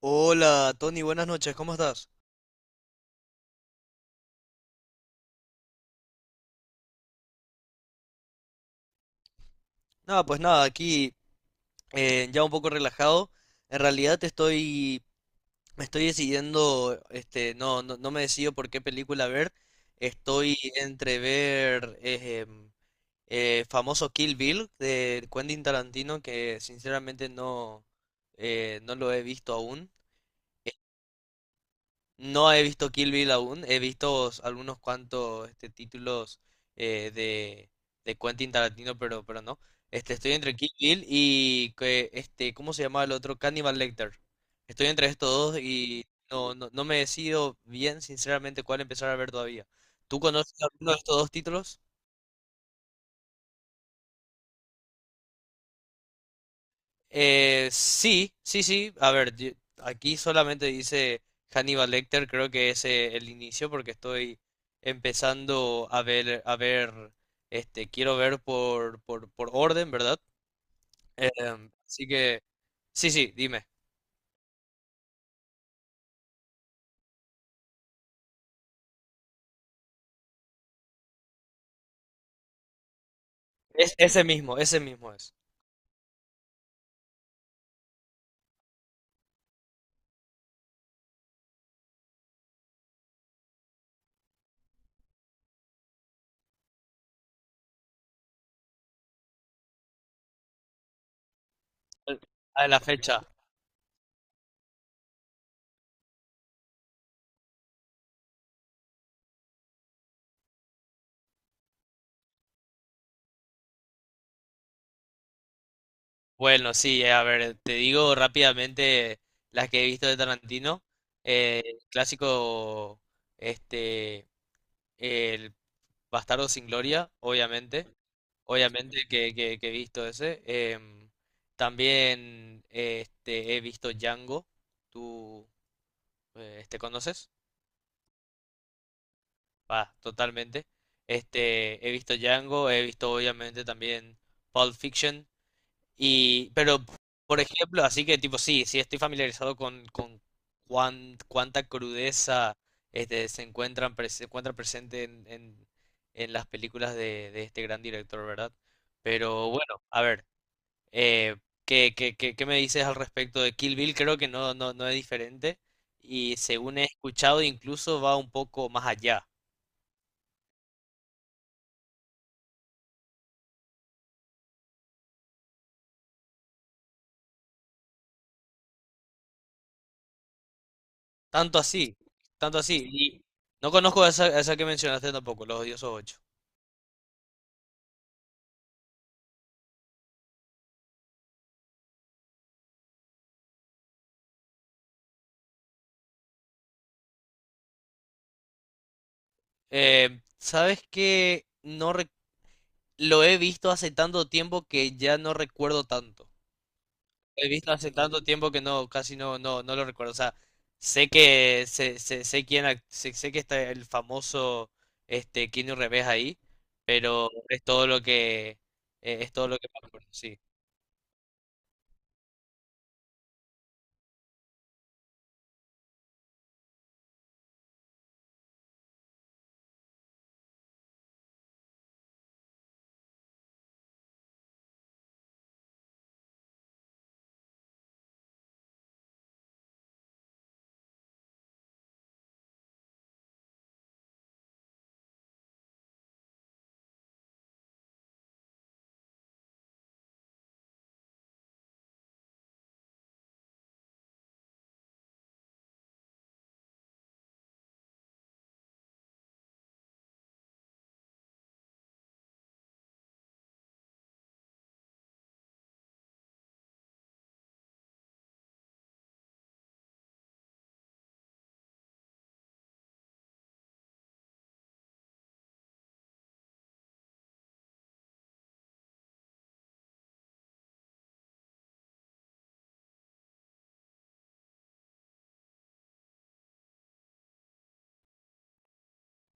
Hola, Tony, buenas noches, ¿cómo estás? Nada, pues nada, aquí ya un poco relajado. En realidad te estoy, me estoy decidiendo, este, no me decido por qué película ver. Estoy entre ver famoso Kill Bill de Quentin Tarantino, que sinceramente no lo he visto aún. No he visto Kill Bill aún, he visto algunos cuantos este, títulos eh, de, de Quentin Tarantino, pero no. Este, estoy entre Kill Bill y que, este, ¿cómo se llama el otro? Cannibal Lecter. Estoy entre estos dos y no me decido bien, sinceramente, cuál empezar a ver todavía. ¿Tú conoces alguno de estos dos títulos? Sí, sí, sí. A ver, aquí solamente dice Hannibal Lecter, creo que es el inicio porque estoy empezando a ver, este, quiero ver por orden, ¿verdad? Em, así que, sí, sí, dime. Es, ese mismo es. El- A la fecha. Bueno, sí, a ver, te digo rápidamente las que he visto de Tarantino. El clásico, este, el Bastardo sin Gloria, obviamente. Obviamente que he visto ese. Em, también este, he visto Django. ¿Tú este, conoces? Va, totalmente. Este, he visto Django, he visto obviamente también Pulp Fiction. Y, pero, por ejemplo, así que tipo, sí, sí estoy familiarizado con cuánta crudeza este, se se encuentra presente en las películas de este gran director, ¿verdad? Pero bueno, a ver, eh, ¿ qué me dices al respecto de Kill Bill? Creo que no es diferente y según he escuchado incluso va un poco más allá. Tanto así, tanto así. Y no conozco esa, esa que mencionaste tampoco, Los Odiosos 8. ¿Sabes qué? No rec- Lo he visto hace tanto tiempo que ya no recuerdo tanto. Lo he visto hace tanto tiempo que no, casi no lo recuerdo. O sea, sé sé quién sé que está el famoso este Keanu Reeves ahí, pero es todo lo que es todo lo que me acuerdo, sí.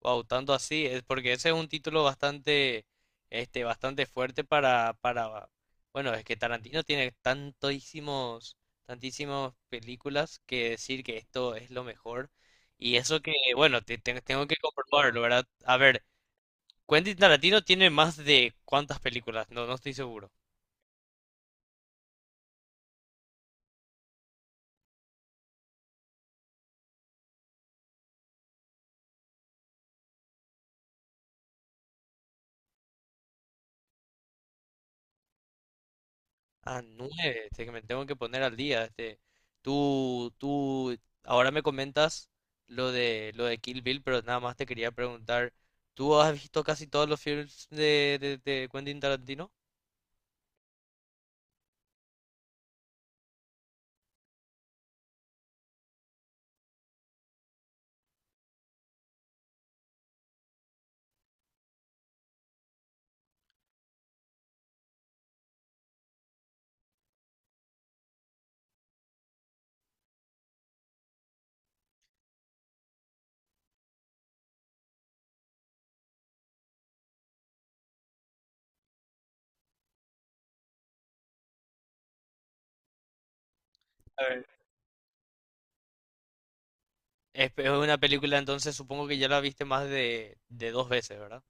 Wow, tanto así, es porque ese es un título bastante, este, bastante fuerte para, bueno, es que Tarantino tiene tantísimos, tantísimas películas que decir que esto es lo mejor. Y eso que, bueno, tengo que comprobarlo, ¿verdad? A ver, Quentin Tarantino tiene más de cuántas películas, no, no estoy seguro. Ah, nueve, este, que me tengo que poner al día. Este, tú, ahora me comentas lo de Kill Bill, pero nada más te quería preguntar, ¿tú has visto casi todos los films de Quentin Tarantino? A ver. Es una película, entonces supongo que ya la viste más de dos veces, ¿verdad?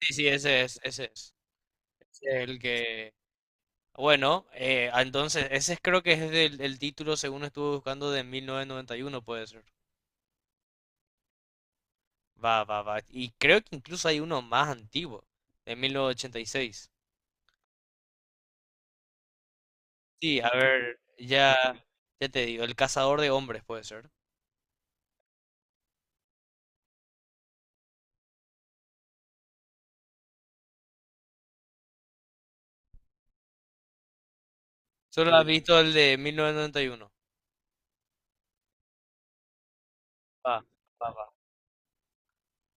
Sí, sí, ese es, ese es. Ese es el que... Bueno, ah, entonces, creo que es del, el título, según estuve buscando, de 1991, puede ser. Va, va, va. Y creo que incluso hay uno más antiguo, de 1986. Sí, a ver, ya, ya te digo, El cazador de hombres puede ser. Solo has Sí. visto el de 1991. Va.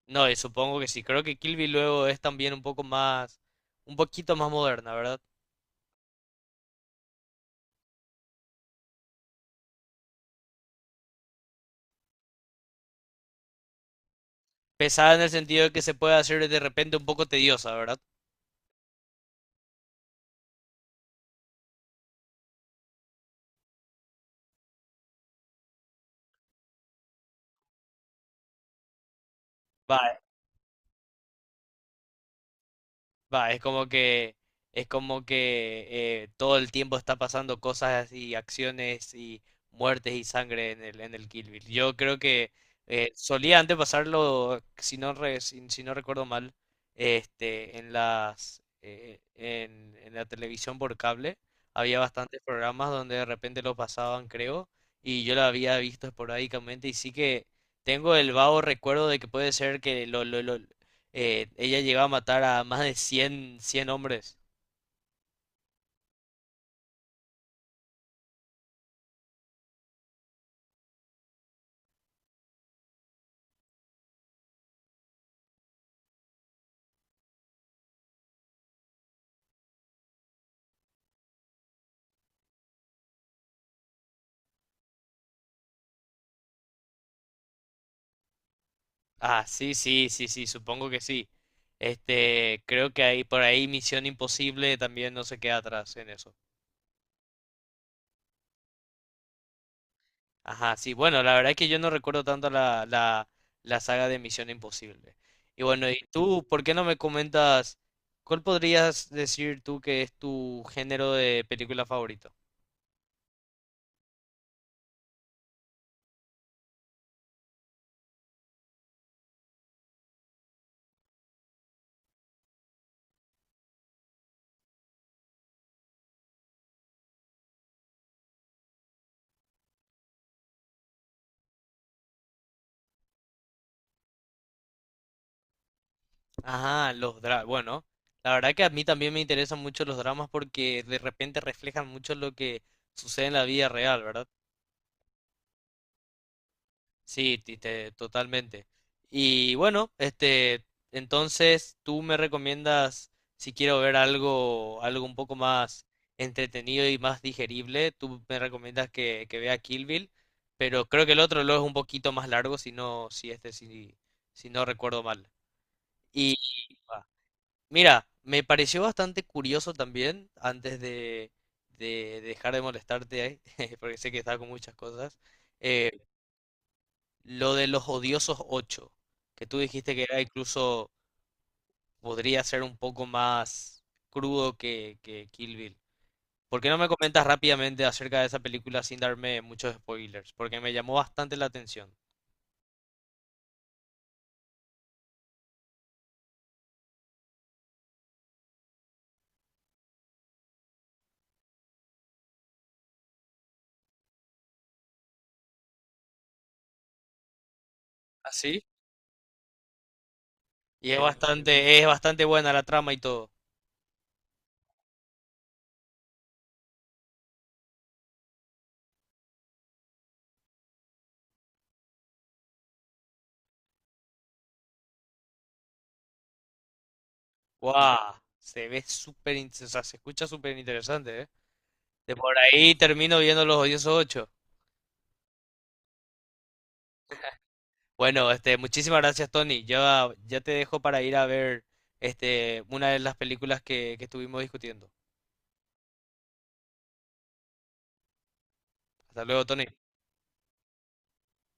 No, y supongo que sí. Creo que Kill Bill luego es también un poco más, un poquito más moderna, ¿verdad? Pesada en el sentido de que se puede hacer de repente un poco tediosa, ¿verdad? Va, Va, es como que todo el tiempo está pasando cosas y acciones y muertes y sangre en el Kill Bill. Yo creo que solía antes pasarlo, si, si no recuerdo mal, este en las en la televisión por cable había bastantes programas donde de repente lo pasaban, creo, y yo lo había visto esporádicamente y sí que tengo el vago recuerdo de que puede ser que ella llegó a matar a más de 100 100 hombres. Ah, sí, sí, sí, sí, supongo que sí. Este, creo que ahí por ahí Misión Imposible también no se queda atrás en eso. Ajá, sí, bueno, la verdad es que yo no recuerdo tanto la saga de Misión Imposible. Y bueno, ¿y tú por qué no me comentas cuál podrías decir tú que es tu género de película favorito? Ajá, los dramas. Bueno, la verdad que a mí también me interesan mucho los dramas porque de repente reflejan mucho lo que sucede en la vida real, ¿verdad? Sí, totalmente. Y bueno, este, entonces tú me recomiendas si quiero ver algo, algo un poco más entretenido y más digerible, tú me recomiendas que vea Kill Bill, pero creo que el otro lo es un poquito más largo, si no, si, si no recuerdo mal. Y Mira, me pareció bastante curioso también, antes de dejar de molestarte, porque sé que estaba con muchas cosas, eh, lo de los odiosos ocho, que tú dijiste que era incluso, podría ser un poco más crudo que Kill Bill. ¿Por qué no me comentas rápidamente acerca de esa película sin darme muchos spoilers? Porque me llamó bastante la atención. ¿Así? Y es bastante, es bastante buena la trama y todo. ¡Guau! Se ve súper, o sea, se escucha súper interesante, ¿eh? De por ahí termino viendo los odiosos ocho. Bueno, este, muchísimas gracias, Tony. Ya, ya te dejo para ir a ver este, una de las películas que estuvimos discutiendo. Hasta luego, Tony.